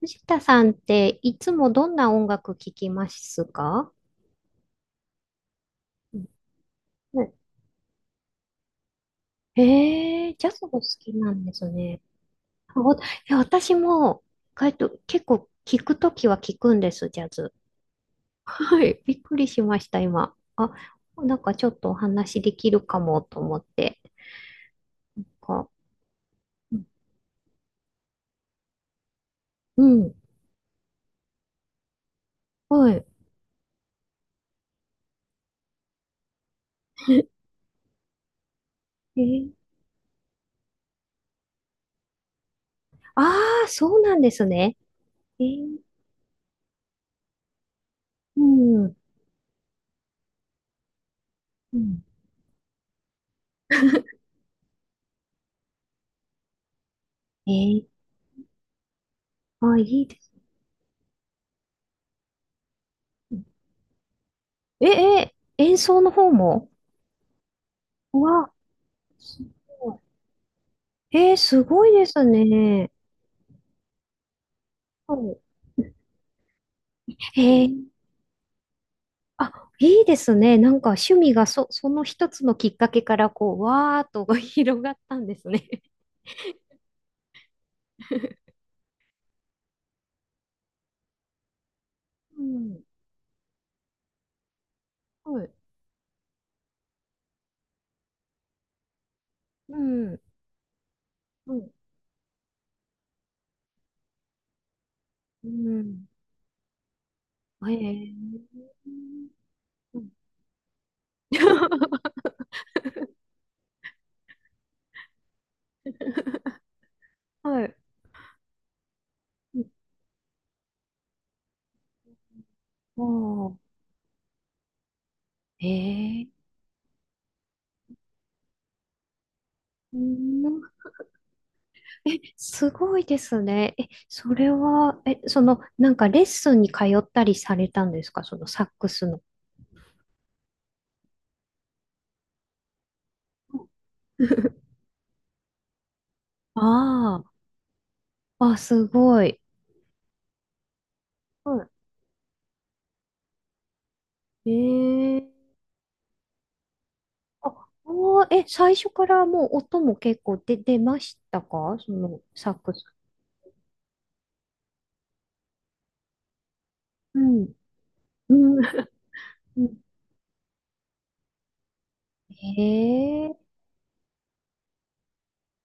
藤田さんっていつもどんな音楽聴きますか？うん。へえー、ジャズが好きなんですね。あおいや、私も、結構聴くときは聴くんです、ジャズ。はい、びっくりしました、今。あ、なんかちょっとお話できるかもと思って。こううん、はい。えー、ああ、そうなんですね。えー、うん、うん。えー、あ、いいですね。え、えー、演奏の方も、うわ、すごい。えー、すごいですね。はい。えー、あ、いいですね。なんか趣味がその一つのきっかけからこう、わーっと 広がったんですね。うん。はい。うん。うんうん。えー。うん。 はい。ああ。えー。うん、え、すごいですね。え、それは、え、その、なんかレッスンに通ったりされたんですかそのサックスの？ああ、あ、すごい。はい、ええ、あ、あー、え、最初からもう音も結構出ましたかそのサックス？うん。うん。うん、ええ、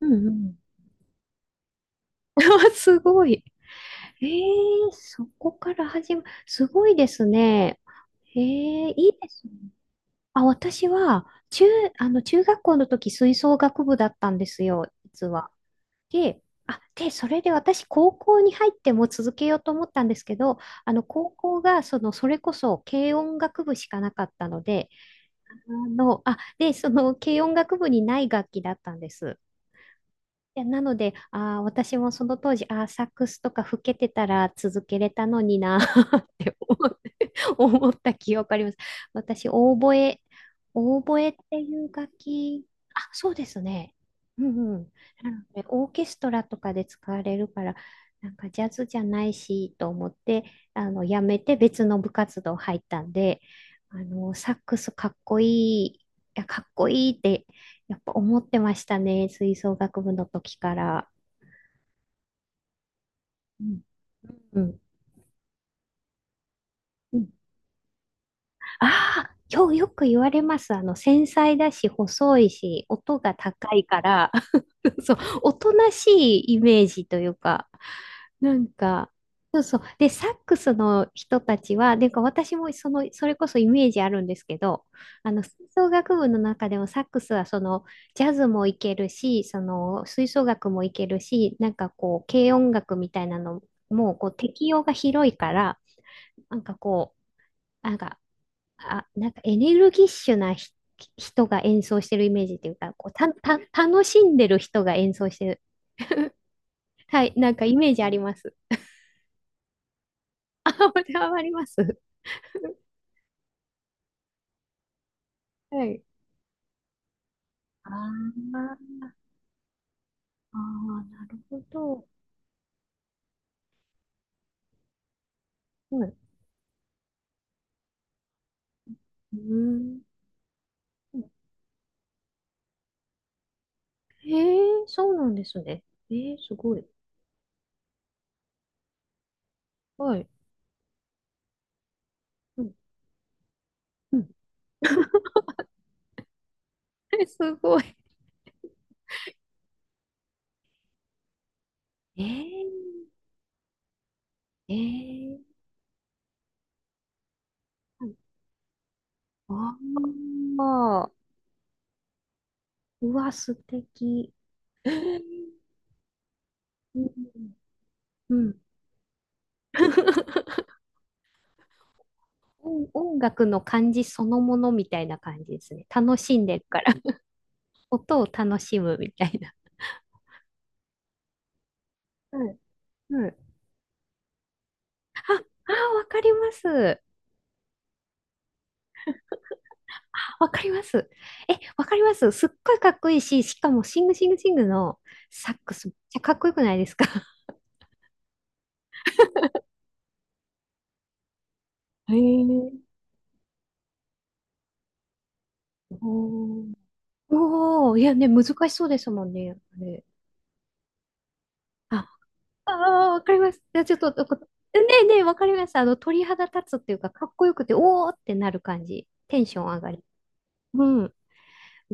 うんうん。すごい。ええ、そこから始ま、すごいですね。ええ、いいですね。あ、私は、中、あの、中学校の時吹奏楽部だったんですよ、実は。で、それで私、高校に入っても続けようと思ったんですけど、あの、高校が、その、それこそ、軽音楽部しかなかったので、あの、あ、で、その、軽音楽部にない楽器だったんです。でなので、あー、私もその当時、あー、サックスとか吹けてたら続けれたのにな って思った記憶あります。私、オーボエっていう楽器、あ、そうですね。うん、うん。なので、オーケストラとかで使われるから、なんかジャズじゃないしと思って、あの、やめて別の部活動入ったんで、あの、サックスかっこいい、いや、かっこいいって、やっぱ思ってましたね、吹奏楽部の時から。うん。うん。うん、ああ、よく言われます。あの、繊細だし、細いし、音が高いから、そう、おとなしいイメージというか、なんか、そうそう。で、サックスの人たちは、なんか私もその、それこそイメージあるんですけど、あの、吹奏楽部の中でもサックスはその、ジャズもいけるし、その、吹奏楽もいけるし、なんかこう、軽音楽みたいなのも、こう、適用が広いから、なんかこう、なんか、あ、なんかエネルギッシュな人が演奏してるイメージっていうか、こうた、た、楽しんでる人が演奏してる。はい、なんかイメージあります。あ、これはあります。はい。あー、あー、なるほど。うん。うーん。へえ、そうなんですね。えー、すごい。はい。うん。うん。すごい。えー、えー。ああ、うわ、素敵。えー、うん。うん。音楽の感じそのものみたいな感じですね。楽しんでるから。音を楽しむみたいな。うん、うん。ああ、わかります。わかります。え、わかります。すっごいかっこいいし、しかもシングシングシングのサックスめっちゃかっこよくないですか？へえ。おー、おお、いやね、難しそうですもんね、あれ。あ、ああ、わかります。じゃあちょっと、こねえねえ、わかります。あの、鳥肌立つっていうか、かっこよくて、おおってなる感じ。テンション上がり。うん。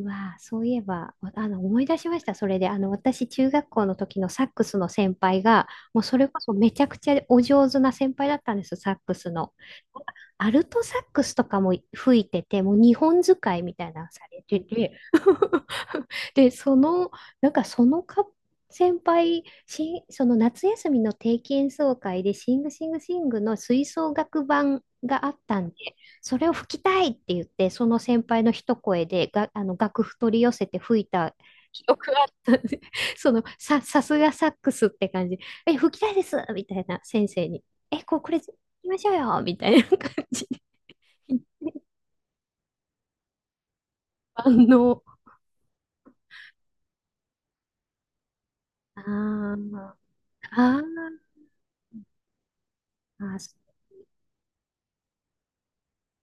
うわあ、そういえば、わ、あの、思い出しました。それで、あの、私、中学校の時のサックスの先輩が、もうそれこそめちゃくちゃお上手な先輩だったんですよ、サックスの。アルトサックスとかも吹いてて、もう日本使いみたいなのされてて、で、その、なんかその先輩、その夏休みの定期演奏会で、シングシングシングの吹奏楽版があったんで、それを吹きたいって言って、その先輩の一声でが、あの楽譜取り寄せて吹いた記憶があったんで、そのさすがサックスって感じ、え、吹きたいですみたいな先生に、え、こう、これ、吹きましょうよみたいな感じで、一般の、あー、あー、あー、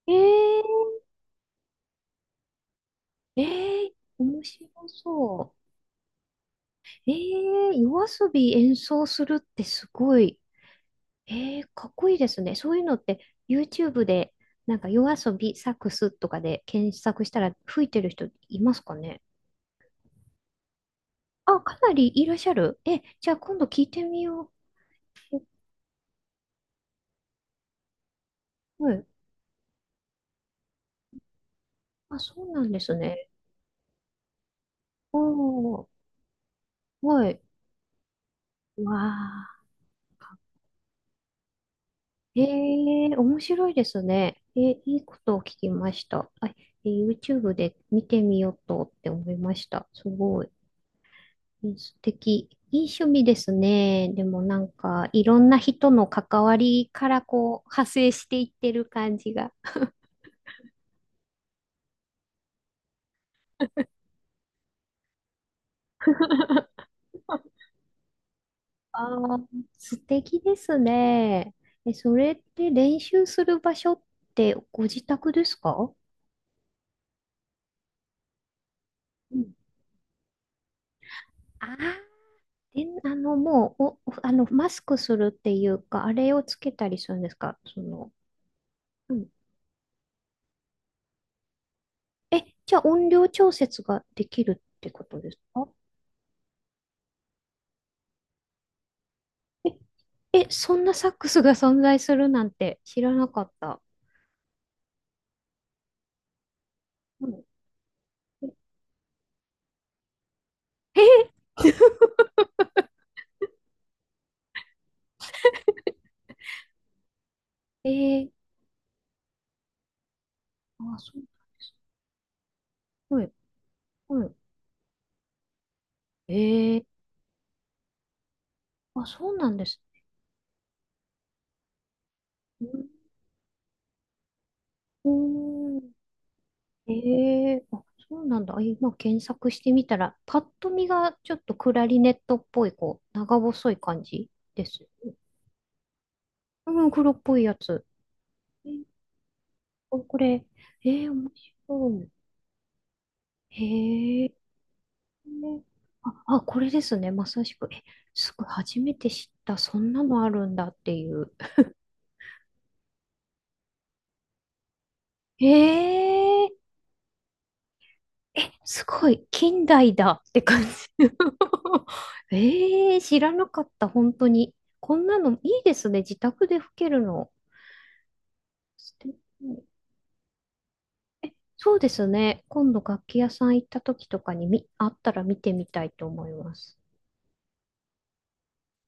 えー、ええ面白そう。ええ夜遊び演奏するってすごい。ええかっこいいですね。そういうのって YouTube でなんか夜遊びサックスとかで検索したら吹いてる人いますかね？あ、かなりいらっしゃる。え、じゃあ今度聞いてみよう。はい。あ、そうなんですね。おー、はい。わあ。ええ面白いですね。えー、いいことを聞きました。あ、えー YouTube で見てみようとって思いました。すごい。えー、素敵。いい趣味ですね。でもなんか、いろんな人の関わりからこう、派生していってる感じが。ああ、素敵ですね。え、それって練習する場所ってご自宅ですか？うん。ああ、で、あの、もう、お、あの、マスクするっていうか、あれをつけたりするんですかその、うん。え、じゃあ音量調節ができるってことですか？え、え、そんなサックスが存在するなんて知らなかった。うん。え、えー、あ、そうなんです。はい、はい。えー、あ、そうなんです。うん。うーん、ええ、あ、そうなんだ。あ、今検索してみたら、パッと見がちょっとクラリネットっぽい、こう、長細い感じです。うん、黒っぽいやつ。え、これ、えー、面白い。へえ、あ、あ、これですね。まさしく。え、すごい、初めて知った。そんなのあるんだっていう。え、ええ、すごい、近代だって感じ。ええー、知らなかった、本当に。こんなのいいですね、自宅で吹けるの。素敵。そうですね、今度楽器屋さん行った時とかにあったら見てみたいと思います。